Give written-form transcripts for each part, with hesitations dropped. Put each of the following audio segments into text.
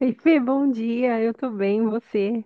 Oi, Fê, bom dia, eu tô bem, você?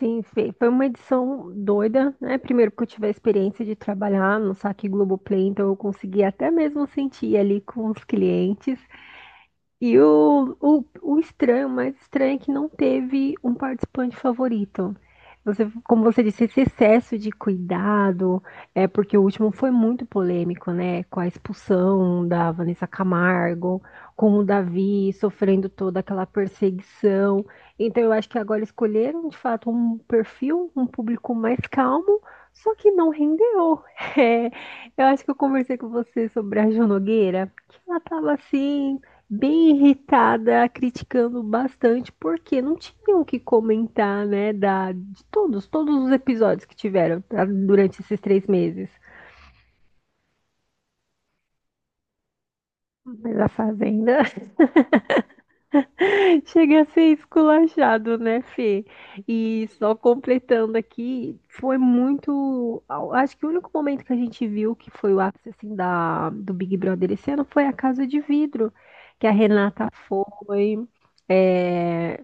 Sim, Fê, foi uma edição doida, né? Primeiro porque eu tive a experiência de trabalhar no saque Globoplay, então eu consegui até mesmo sentir ali com os clientes. E o estranho, o mais estranho é que não teve um participante favorito. Você, como você disse, esse excesso de cuidado, é porque o último foi muito polêmico, né? Com a expulsão da Vanessa Camargo, com o Davi sofrendo toda aquela perseguição. Então eu acho que agora escolheram, de fato, um perfil, um público mais calmo, só que não rendeu. É, eu acho que eu conversei com você sobre a Jo Nogueira, que ela tava assim bem irritada, criticando bastante, porque não tinham o que comentar, né, de todos, todos os episódios que tiveram tá, durante esses três meses. Mas a Fazenda chega a ser esculachado, né, Fê? E só completando aqui, foi muito. Acho que o único momento que a gente viu que foi o ápice assim, do Big Brother esse ano foi a Casa de Vidro, que a Renata foi, é,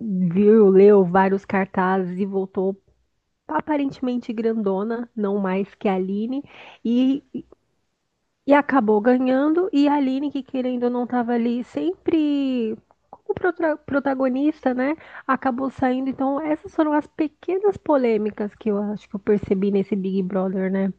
viu, leu vários cartazes e voltou aparentemente grandona, não mais que a Aline, e acabou ganhando, e a Aline, que querendo ou não estava ali sempre como protagonista, né? Acabou saindo. Então, essas foram as pequenas polêmicas que eu acho que eu percebi nesse Big Brother, né?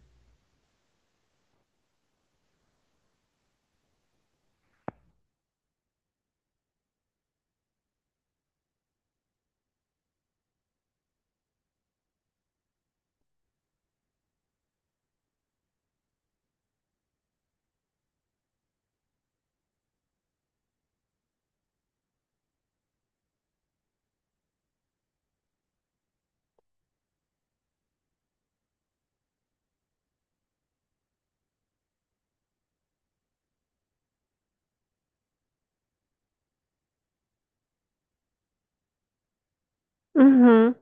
Uhum.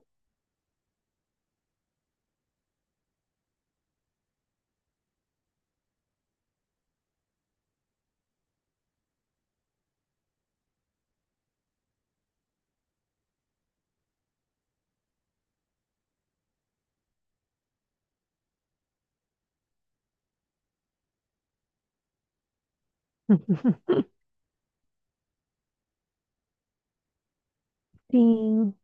Sim.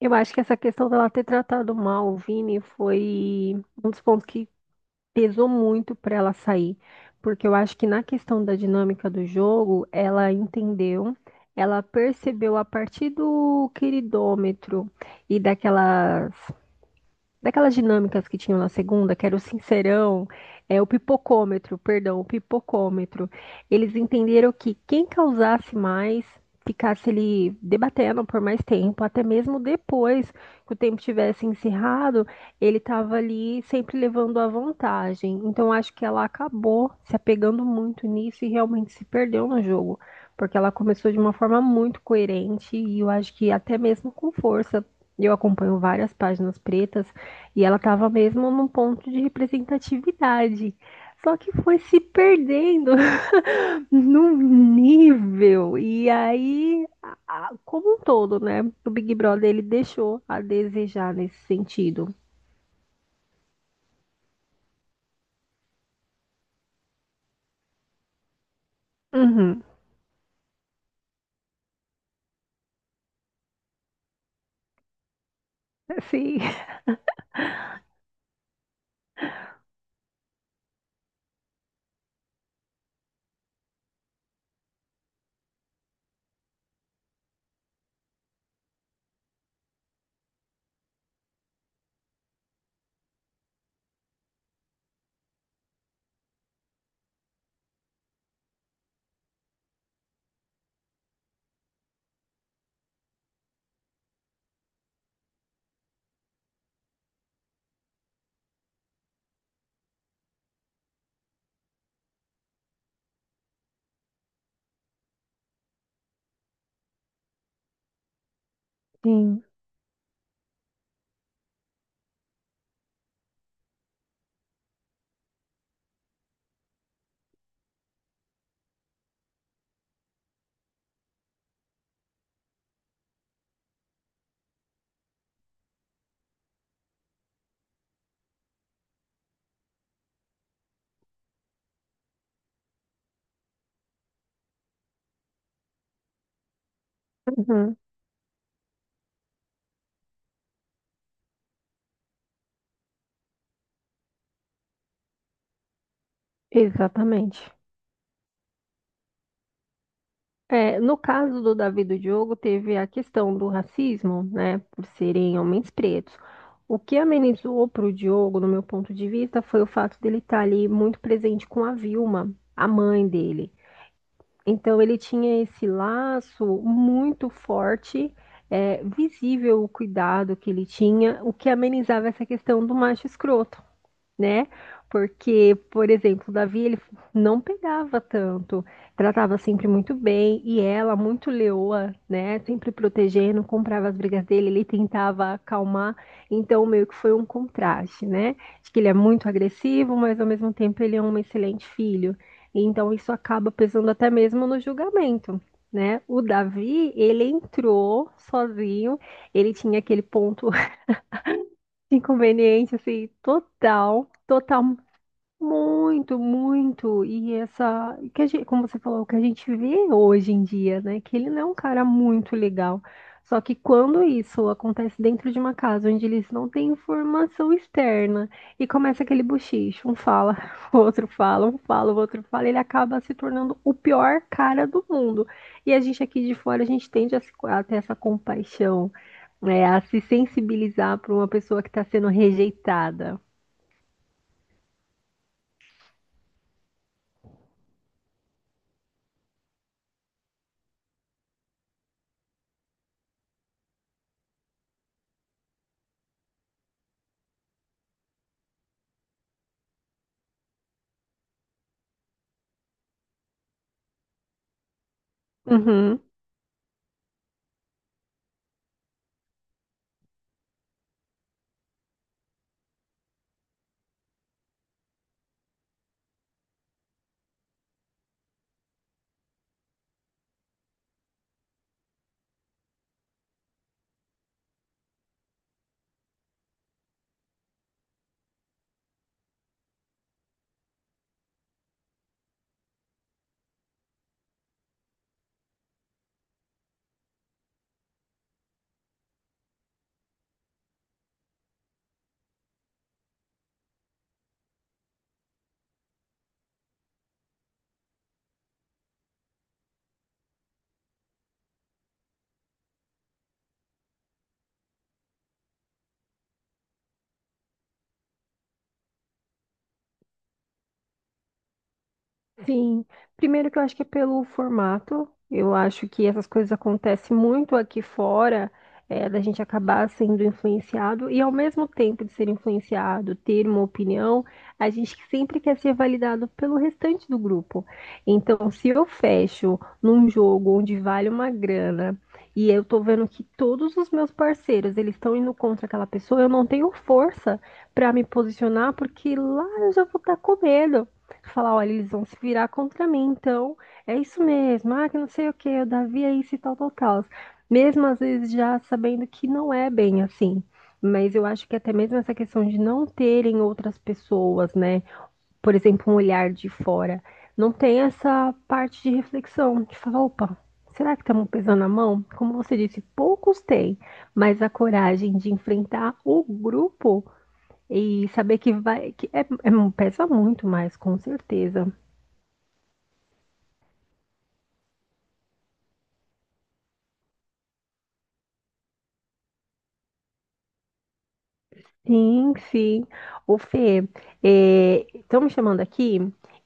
Eu acho que essa questão dela ter tratado mal o Vini foi um dos pontos que pesou muito para ela sair, porque eu acho que na questão da dinâmica do jogo, ela entendeu, ela percebeu a partir do queridômetro e daquelas dinâmicas que tinham na segunda, que era o sincerão, é, o pipocômetro, perdão, o pipocômetro. Eles entenderam que quem causasse mais ficasse ali debatendo por mais tempo, até mesmo depois que o tempo tivesse encerrado, ele estava ali sempre levando a vantagem. Então acho que ela acabou se apegando muito nisso e realmente se perdeu no jogo. Porque ela começou de uma forma muito coerente e eu acho que até mesmo com força. Eu acompanho várias páginas pretas e ela estava mesmo num ponto de representatividade. Só que foi se perdendo num nível. E aí, como um todo, né? O Big Brother ele deixou a desejar nesse sentido. Uhum. Sim. Sim. Uhum. Exatamente. É, no caso do Davi e do Diogo, teve a questão do racismo, né, por serem homens pretos. O que amenizou para o Diogo, no meu ponto de vista, foi o fato dele estar ali muito presente com a Vilma, a mãe dele. Então, ele tinha esse laço muito forte, é, visível o cuidado que ele tinha, o que amenizava essa questão do macho escroto, né? Porque, por exemplo, Davi, ele não pegava tanto, tratava sempre muito bem, e ela, muito leoa, né? Sempre protegendo, comprava as brigas dele, ele tentava acalmar, então meio que foi um contraste, né? De que ele é muito agressivo, mas ao mesmo tempo ele é um excelente filho. Então isso acaba pesando até mesmo no julgamento. Né? O Davi, ele entrou sozinho, ele tinha aquele ponto inconveniente, assim, total, total muito, muito. E essa, que a gente, como você falou, o que a gente vê hoje em dia, né? Que ele não é um cara muito legal. Só que quando isso acontece dentro de uma casa onde eles não têm informação externa e começa aquele bochicho, um fala, o outro fala, um fala, o outro fala, ele acaba se tornando o pior cara do mundo. E a gente aqui de fora, a gente tende a, a ter essa compaixão, né? A se sensibilizar para uma pessoa que está sendo rejeitada. Uhum. Sim, primeiro que eu acho que é pelo formato, eu acho que essas coisas acontecem muito aqui fora, é, da gente acabar sendo influenciado e ao mesmo tempo de ser influenciado, ter uma opinião, a gente sempre quer ser validado pelo restante do grupo. Então, se eu fecho num jogo onde vale uma grana e eu tô vendo que todos os meus parceiros eles estão indo contra aquela pessoa, eu não tenho força para me posicionar porque lá eu já vou estar com medo. Falar, olha, eles vão se virar contra mim, então é isso mesmo, ah, que não sei o que, o Davi é isso e tal, tal, tal. Mesmo às vezes já sabendo que não é bem assim. Mas eu acho que até mesmo essa questão de não terem outras pessoas, né? Por exemplo, um olhar de fora, não tem essa parte de reflexão, de falar, opa, será que estamos pesando a mão? Como você disse, poucos têm, mas a coragem de enfrentar o grupo e saber que vai, é, um, pesa muito mais, com certeza. Sim, sim. Ô, Fê, estão me chamando aqui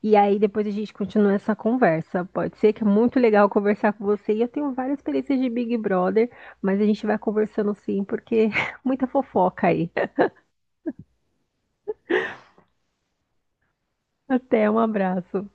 e aí depois a gente continua essa conversa. Pode ser que é muito legal conversar com você. E eu tenho várias experiências de Big Brother, mas a gente vai conversando sim, porque muita fofoca aí. Até, um abraço.